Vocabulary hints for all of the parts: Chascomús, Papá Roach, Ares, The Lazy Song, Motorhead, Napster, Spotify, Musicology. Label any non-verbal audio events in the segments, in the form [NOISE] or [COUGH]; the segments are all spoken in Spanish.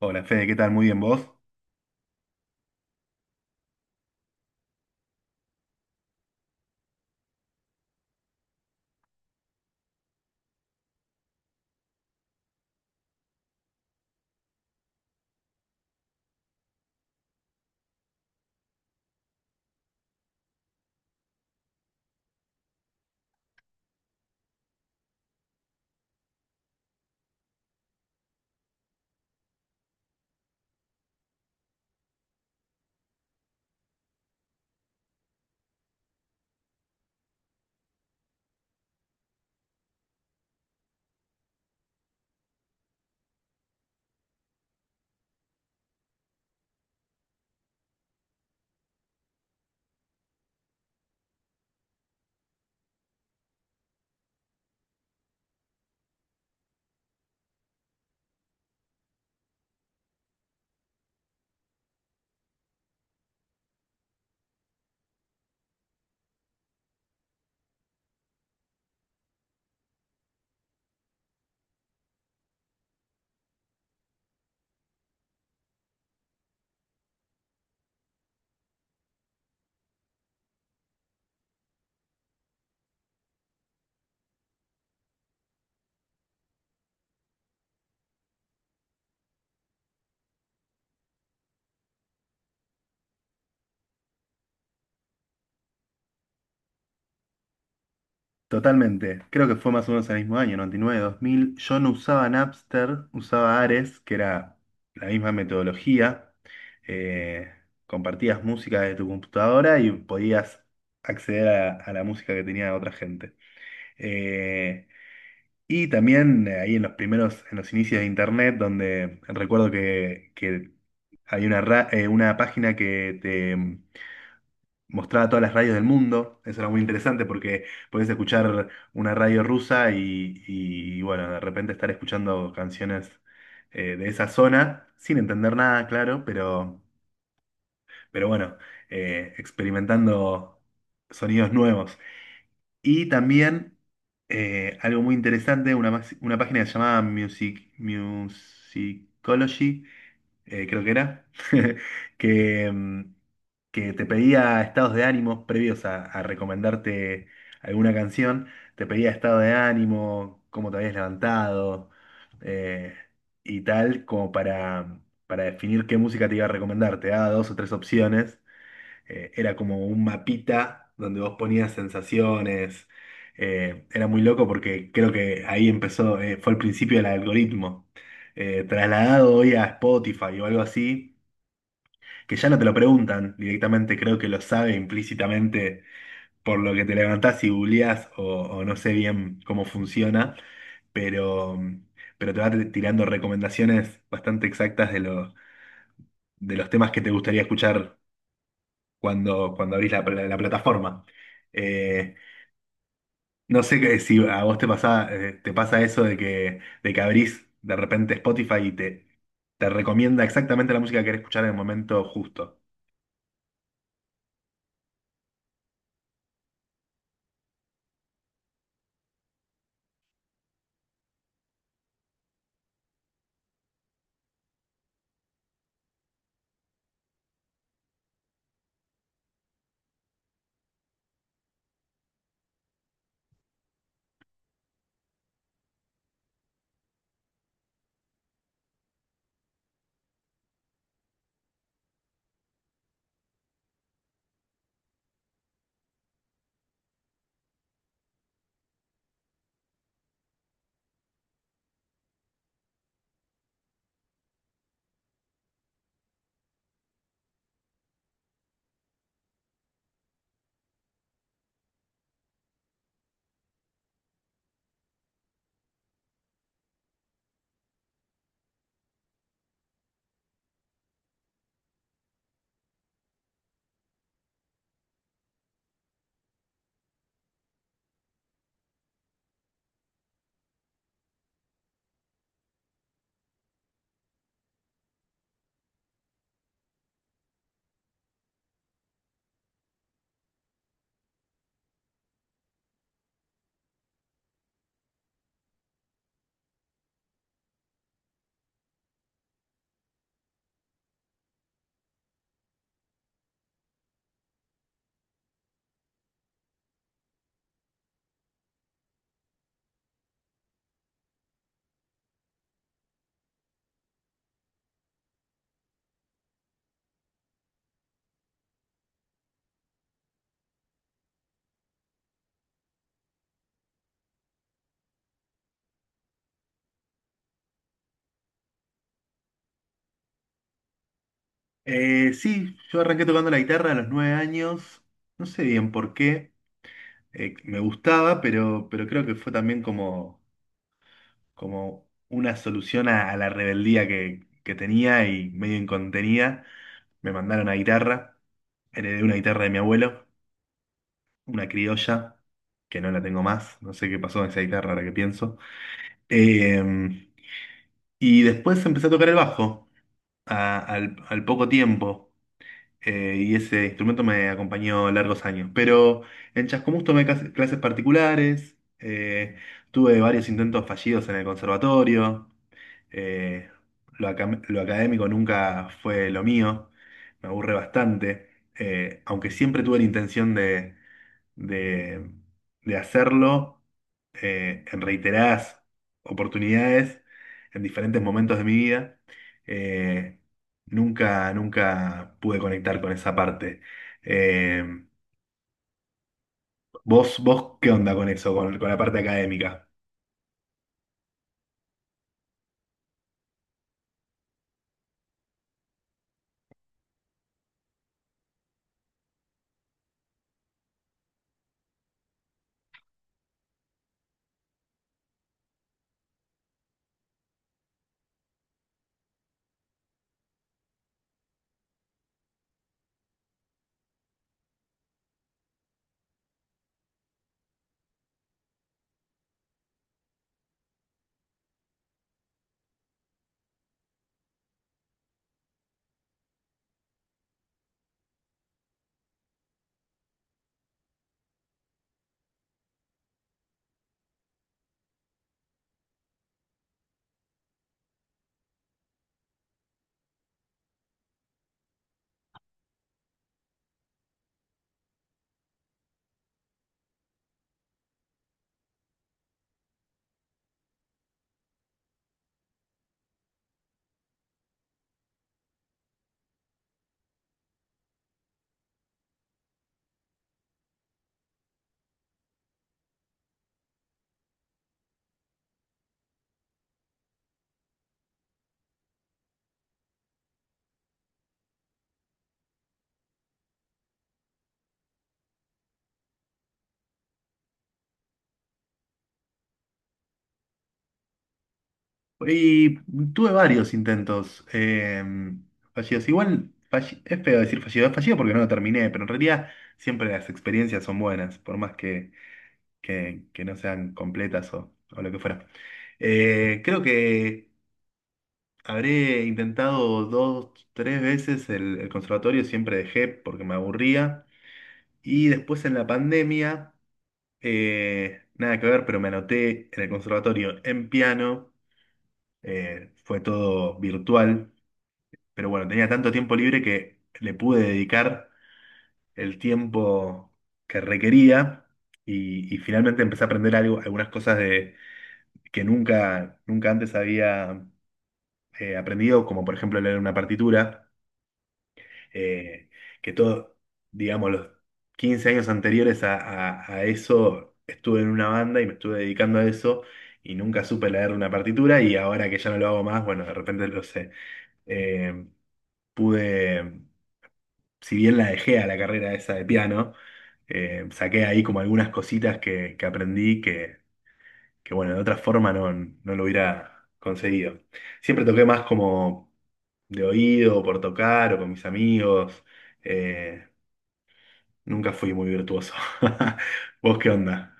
Hola Fede, ¿qué tal? Muy bien, ¿vos? Totalmente. Creo que fue más o menos el mismo año, noventa y nueve, 2000. Yo no usaba Napster, usaba Ares, que era la misma metodología. Eh, Compartías música de tu computadora y podías acceder a la música que tenía otra gente. Eh, y también ahí en los primeros, en los inicios de Internet, donde recuerdo que había una página que te mostraba todas las radios del mundo. Eso era muy interesante porque podés escuchar una radio rusa y, bueno, de repente estar escuchando canciones de esa zona sin entender nada, claro, pero bueno, experimentando sonidos nuevos. Y también algo muy interesante, una página que se llamaba Musicology, creo que era, [LAUGHS] que, mm, que te pedía estados de ánimo previos a recomendarte alguna canción, te pedía estado de ánimo, cómo te habías levantado, eh, y tal, como para definir qué música te iba a recomendar. Te daba dos o tres opciones, era como un mapita donde vos ponías sensaciones. Era muy loco porque creo que ahí empezó. Fue el principio del algoritmo. Trasladado hoy a Spotify o algo así, que ya no te lo preguntan directamente. Creo que lo sabe implícitamente por lo que te levantás y googleás, o no sé bien cómo funciona, pero, pero te va tirando recomendaciones bastante exactas de los temas que te gustaría escuchar cuando abrís la plataforma. Eh, no sé si a vos te pasa eso de que abrís de repente Spotify y te recomienda exactamente la música que querés escuchar en el momento justo. Sí, yo arranqué tocando la guitarra a los 9 años, no sé bien por qué, me gustaba, pero creo que fue también como una solución a la rebeldía que tenía y medio incontenida. Me mandaron a guitarra, heredé una guitarra de mi abuelo, una criolla, que no la tengo más, no sé qué pasó con esa guitarra ahora que pienso. Eh, y después empecé a tocar el bajo al poco tiempo, y ese instrumento me acompañó largos años. Pero en Chascomús tomé clases particulares. Tuve varios intentos fallidos en el conservatorio. Eh, lo académico nunca fue lo mío, me aburre bastante, aunque siempre tuve la intención de, de hacerlo en reiteradas oportunidades, en diferentes momentos de mi vida, eh, nunca, nunca pude conectar con esa parte. Eh, ¿vos qué onda con eso, con la parte académica? Y tuve varios intentos, fallidos. Igual es feo decir fallido, es fallido porque no lo terminé, pero en realidad siempre las experiencias son buenas, por más que, que no sean completas, o lo que fuera. Creo que habré intentado dos, tres veces el conservatorio, siempre dejé porque me aburría. Y después en la pandemia, nada que ver, pero me anoté en el conservatorio en piano, fue todo virtual. Pero bueno, tenía tanto tiempo libre que le pude dedicar el tiempo que requería, y finalmente empecé a aprender algunas cosas que nunca, nunca antes había aprendido, como por ejemplo leer una partitura, eh, que todo, digamos, los 15 años anteriores a eso estuve en una banda y me estuve dedicando a eso, y nunca supe leer una partitura, y ahora que ya no lo hago más, bueno, de repente lo sé. eh, Pude, si bien la dejé a la carrera esa de piano, saqué ahí como algunas cositas que aprendí, que, bueno, de otra forma no lo hubiera conseguido. Siempre toqué más como de oído, por tocar o con mis amigos. eh, Nunca fui muy virtuoso. [LAUGHS] ¿Vos qué onda?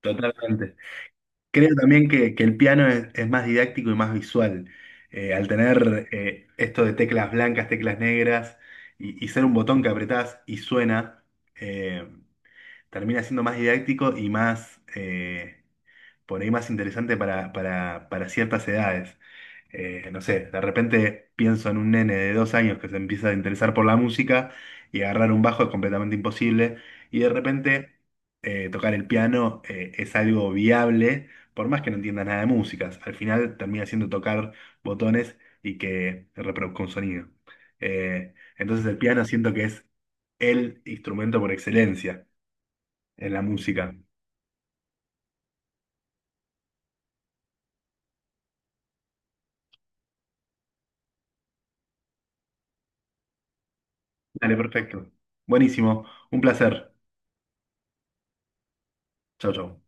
Totalmente. Creo también que el piano es más didáctico y más visual. Al tener esto de teclas blancas, teclas negras, y ser un botón que apretás y suena, eh, termina siendo más didáctico y más, por ahí más interesante para ciertas edades. No sé, de repente pienso en un nene de 2 años que se empieza a interesar por la música y agarrar un bajo es completamente imposible, y de repente tocar el piano es algo viable, por más que no entienda nada de músicas. Al final termina siendo tocar botones y que reproduzca un sonido. Entonces el piano siento que es el instrumento por excelencia en la música. Dale, perfecto. Buenísimo. Un placer. Chau, chau.